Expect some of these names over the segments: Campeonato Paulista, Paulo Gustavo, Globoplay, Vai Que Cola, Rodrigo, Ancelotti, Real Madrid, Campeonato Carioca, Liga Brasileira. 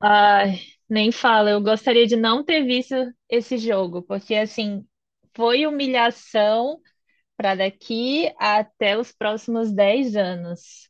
Ai, nem fala. Eu gostaria de não ter visto esse jogo, porque assim, foi humilhação para daqui até os próximos 10 anos.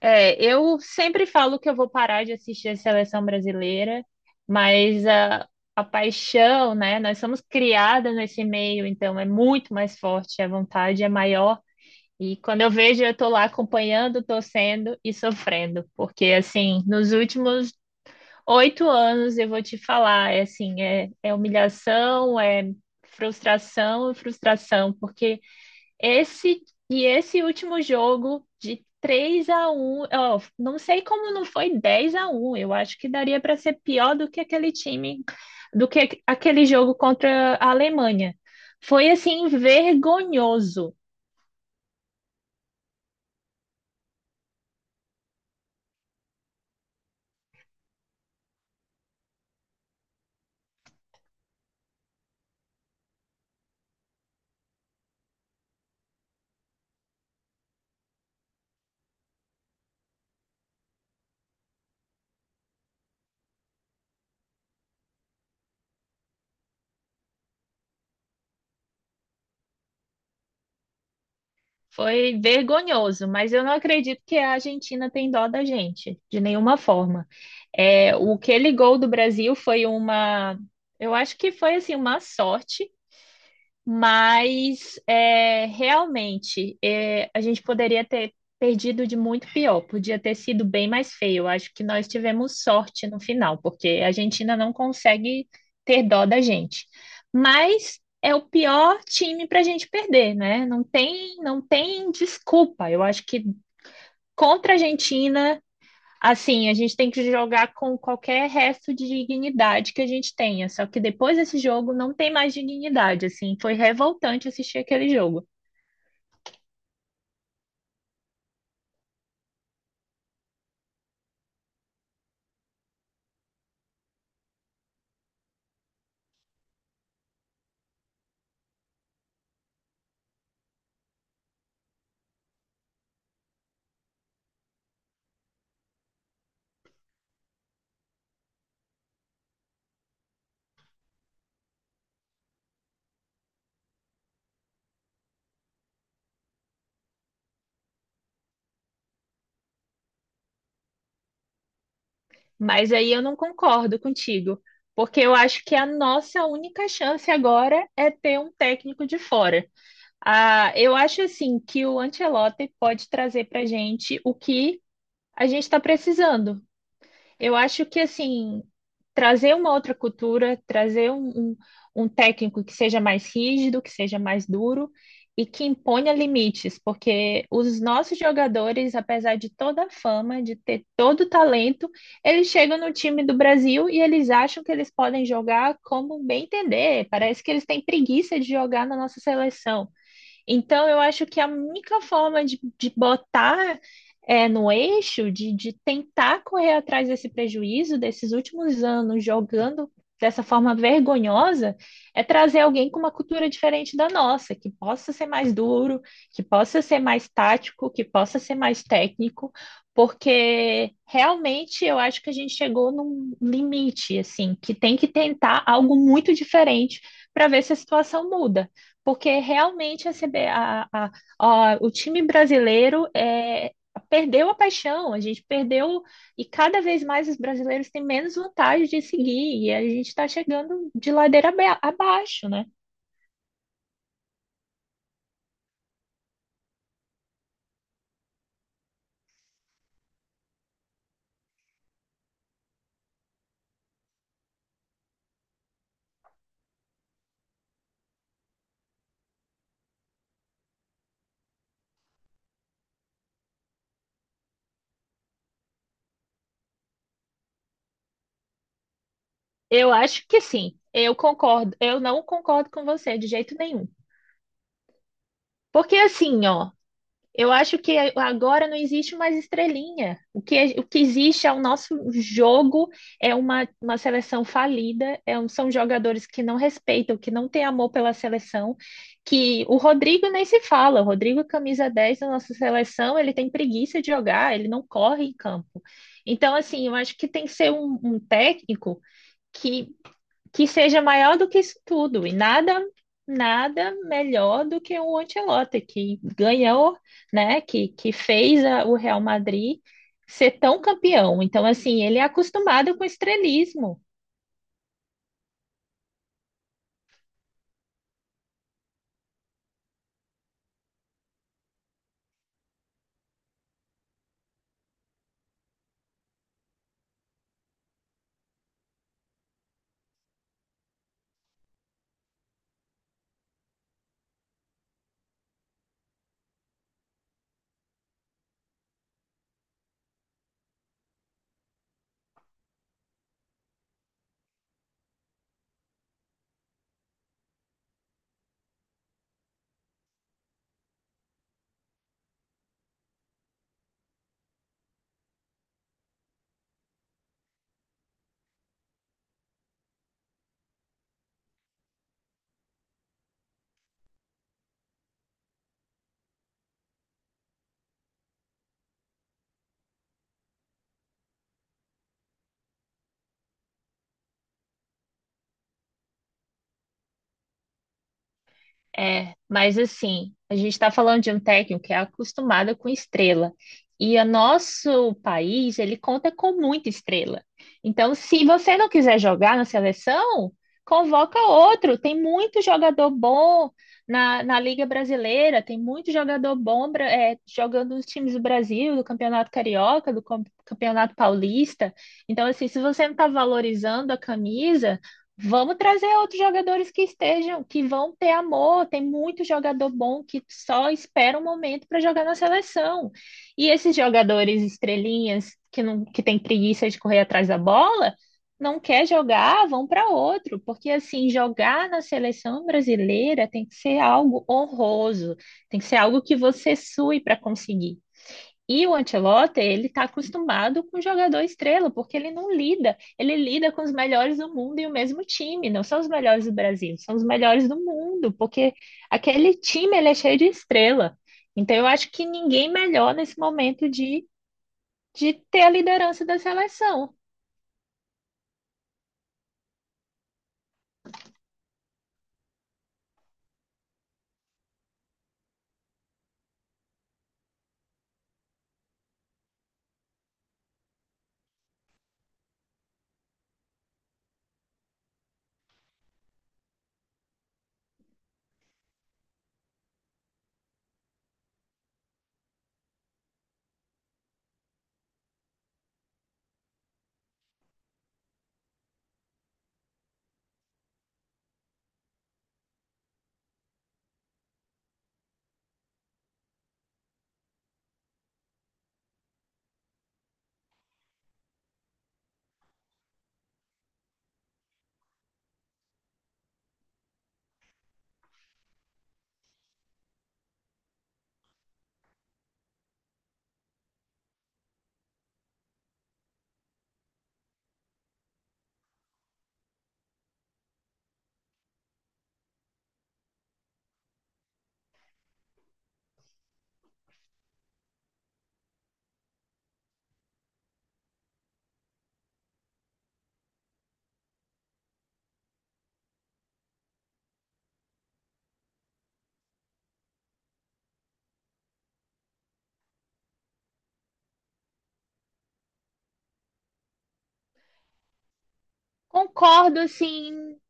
É, eu sempre falo que eu vou parar de assistir a seleção brasileira, mas a paixão, né? Nós somos criadas nesse meio, então é muito mais forte, a vontade é maior. E quando eu vejo, eu tô lá acompanhando, torcendo e sofrendo, porque assim, nos últimos 8 anos, eu vou te falar, é assim, é humilhação, é frustração e frustração, porque esse esse último jogo de 3-1, ó, não sei como não foi 10-1, eu acho que daria para ser pior do que aquele time, do que aquele jogo contra a Alemanha. Foi assim vergonhoso. Foi vergonhoso, mas eu não acredito que a Argentina tem dó da gente, de nenhuma forma. É, o aquele gol do Brasil foi uma, eu acho que foi assim uma sorte, mas é, realmente é, a gente poderia ter perdido de muito pior, podia ter sido bem mais feio. Acho que nós tivemos sorte no final, porque a Argentina não consegue ter dó da gente. Mas é o pior time para a gente perder, né? Não tem, não tem desculpa. Eu acho que contra a Argentina, assim, a gente tem que jogar com qualquer resto de dignidade que a gente tenha. Só que depois desse jogo não tem mais dignidade, assim. Foi revoltante assistir aquele jogo. Mas aí eu não concordo contigo, porque eu acho que a nossa única chance agora é ter um técnico de fora. Ah, eu acho assim que o Ancelotti pode trazer para gente o que a gente está precisando. Eu acho que assim, trazer uma outra cultura, trazer um técnico que seja mais rígido, que seja mais duro e que imponha limites, porque os nossos jogadores, apesar de toda a fama, de ter todo o talento, eles chegam no time do Brasil e eles acham que eles podem jogar como bem entender. Parece que eles têm preguiça de jogar na nossa seleção. Então, eu acho que a única forma de botar é, no eixo, de tentar correr atrás desse prejuízo, desses últimos anos jogando dessa forma vergonhosa, é trazer alguém com uma cultura diferente da nossa, que possa ser mais duro, que possa ser mais tático, que possa ser mais técnico, porque realmente eu acho que a gente chegou num limite, assim, que tem que tentar algo muito diferente para ver se a situação muda. Porque realmente a CB o time brasileiro é, perdeu a paixão, a gente perdeu, e cada vez mais os brasileiros têm menos vontade de seguir, e a gente está chegando de ladeira abaixo, né? Eu acho que sim, eu concordo, eu não concordo com você de jeito nenhum. Porque assim, ó. Eu acho que agora não existe mais estrelinha. O que existe é o nosso jogo, é uma seleção falida, são jogadores que não respeitam, que não têm amor pela seleção, que o Rodrigo nem se fala. O Rodrigo, camisa 10 da nossa seleção, ele tem preguiça de jogar, ele não corre em campo. Então, assim, eu acho que tem que ser um técnico que que seja maior do que isso tudo. E nada, nada melhor do que o Ancelotti, que ganhou, né? Que fez o Real Madrid ser tão campeão. Então, assim, ele é acostumado com estrelismo. É, mas assim, a gente está falando de um técnico que é acostumado com estrela. E o nosso país, ele conta com muita estrela. Então, se você não quiser jogar na seleção, convoca outro. Tem muito jogador bom na Liga Brasileira, tem muito jogador bom jogando nos times do Brasil, do Campeonato Carioca, do Campeonato Paulista. Então, assim, se você não está valorizando a camisa. Vamos trazer outros jogadores que estejam, que vão ter amor. Tem muito jogador bom que só espera um momento para jogar na seleção. E esses jogadores estrelinhas que não, que tem preguiça de correr atrás da bola, não quer jogar, vão para outro, porque assim, jogar na seleção brasileira tem que ser algo honroso, tem que ser algo que você sue para conseguir. E o Ancelotti, ele está acostumado com o jogador estrela, porque ele não lida, ele lida com os melhores do mundo e o mesmo time, não são os melhores do Brasil, são os melhores do mundo, porque aquele time ele é cheio de estrela. Então eu acho que ninguém melhor nesse momento de ter a liderança da seleção. Concordo, assim,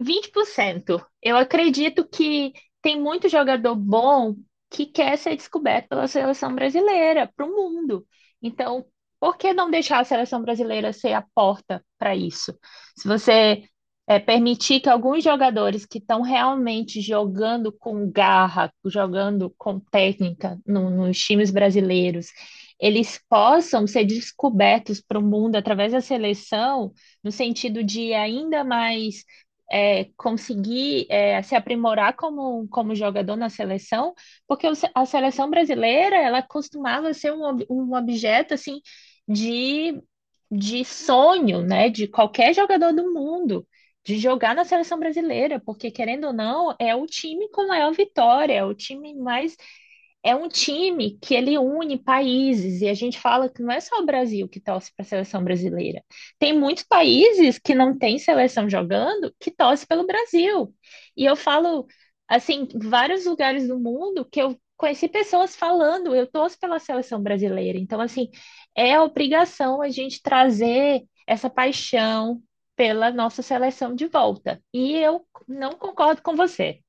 20%. Eu acredito que tem muito jogador bom que quer ser descoberto pela seleção brasileira, para o mundo. Então, por que não deixar a seleção brasileira ser a porta para isso? Se você permitir que alguns jogadores que estão realmente jogando com garra, jogando com técnica nos times brasileiros, eles possam ser descobertos para o mundo através da seleção, no sentido de ainda mais conseguir se aprimorar como jogador na seleção, porque o a seleção brasileira ela costumava ser um objeto assim de, de sonho, né, de qualquer jogador do mundo. De jogar na seleção brasileira, porque querendo ou não, é o time com maior vitória, é o time mais é um time que ele une países, e a gente fala que não é só o Brasil que torce para a seleção brasileira. Tem muitos países que não têm seleção jogando que torce pelo Brasil. E eu falo, assim, em vários lugares do mundo que eu conheci pessoas falando, eu torço pela seleção brasileira. Então, assim, é a obrigação a gente trazer essa paixão pela nossa seleção de volta. E eu não concordo com você.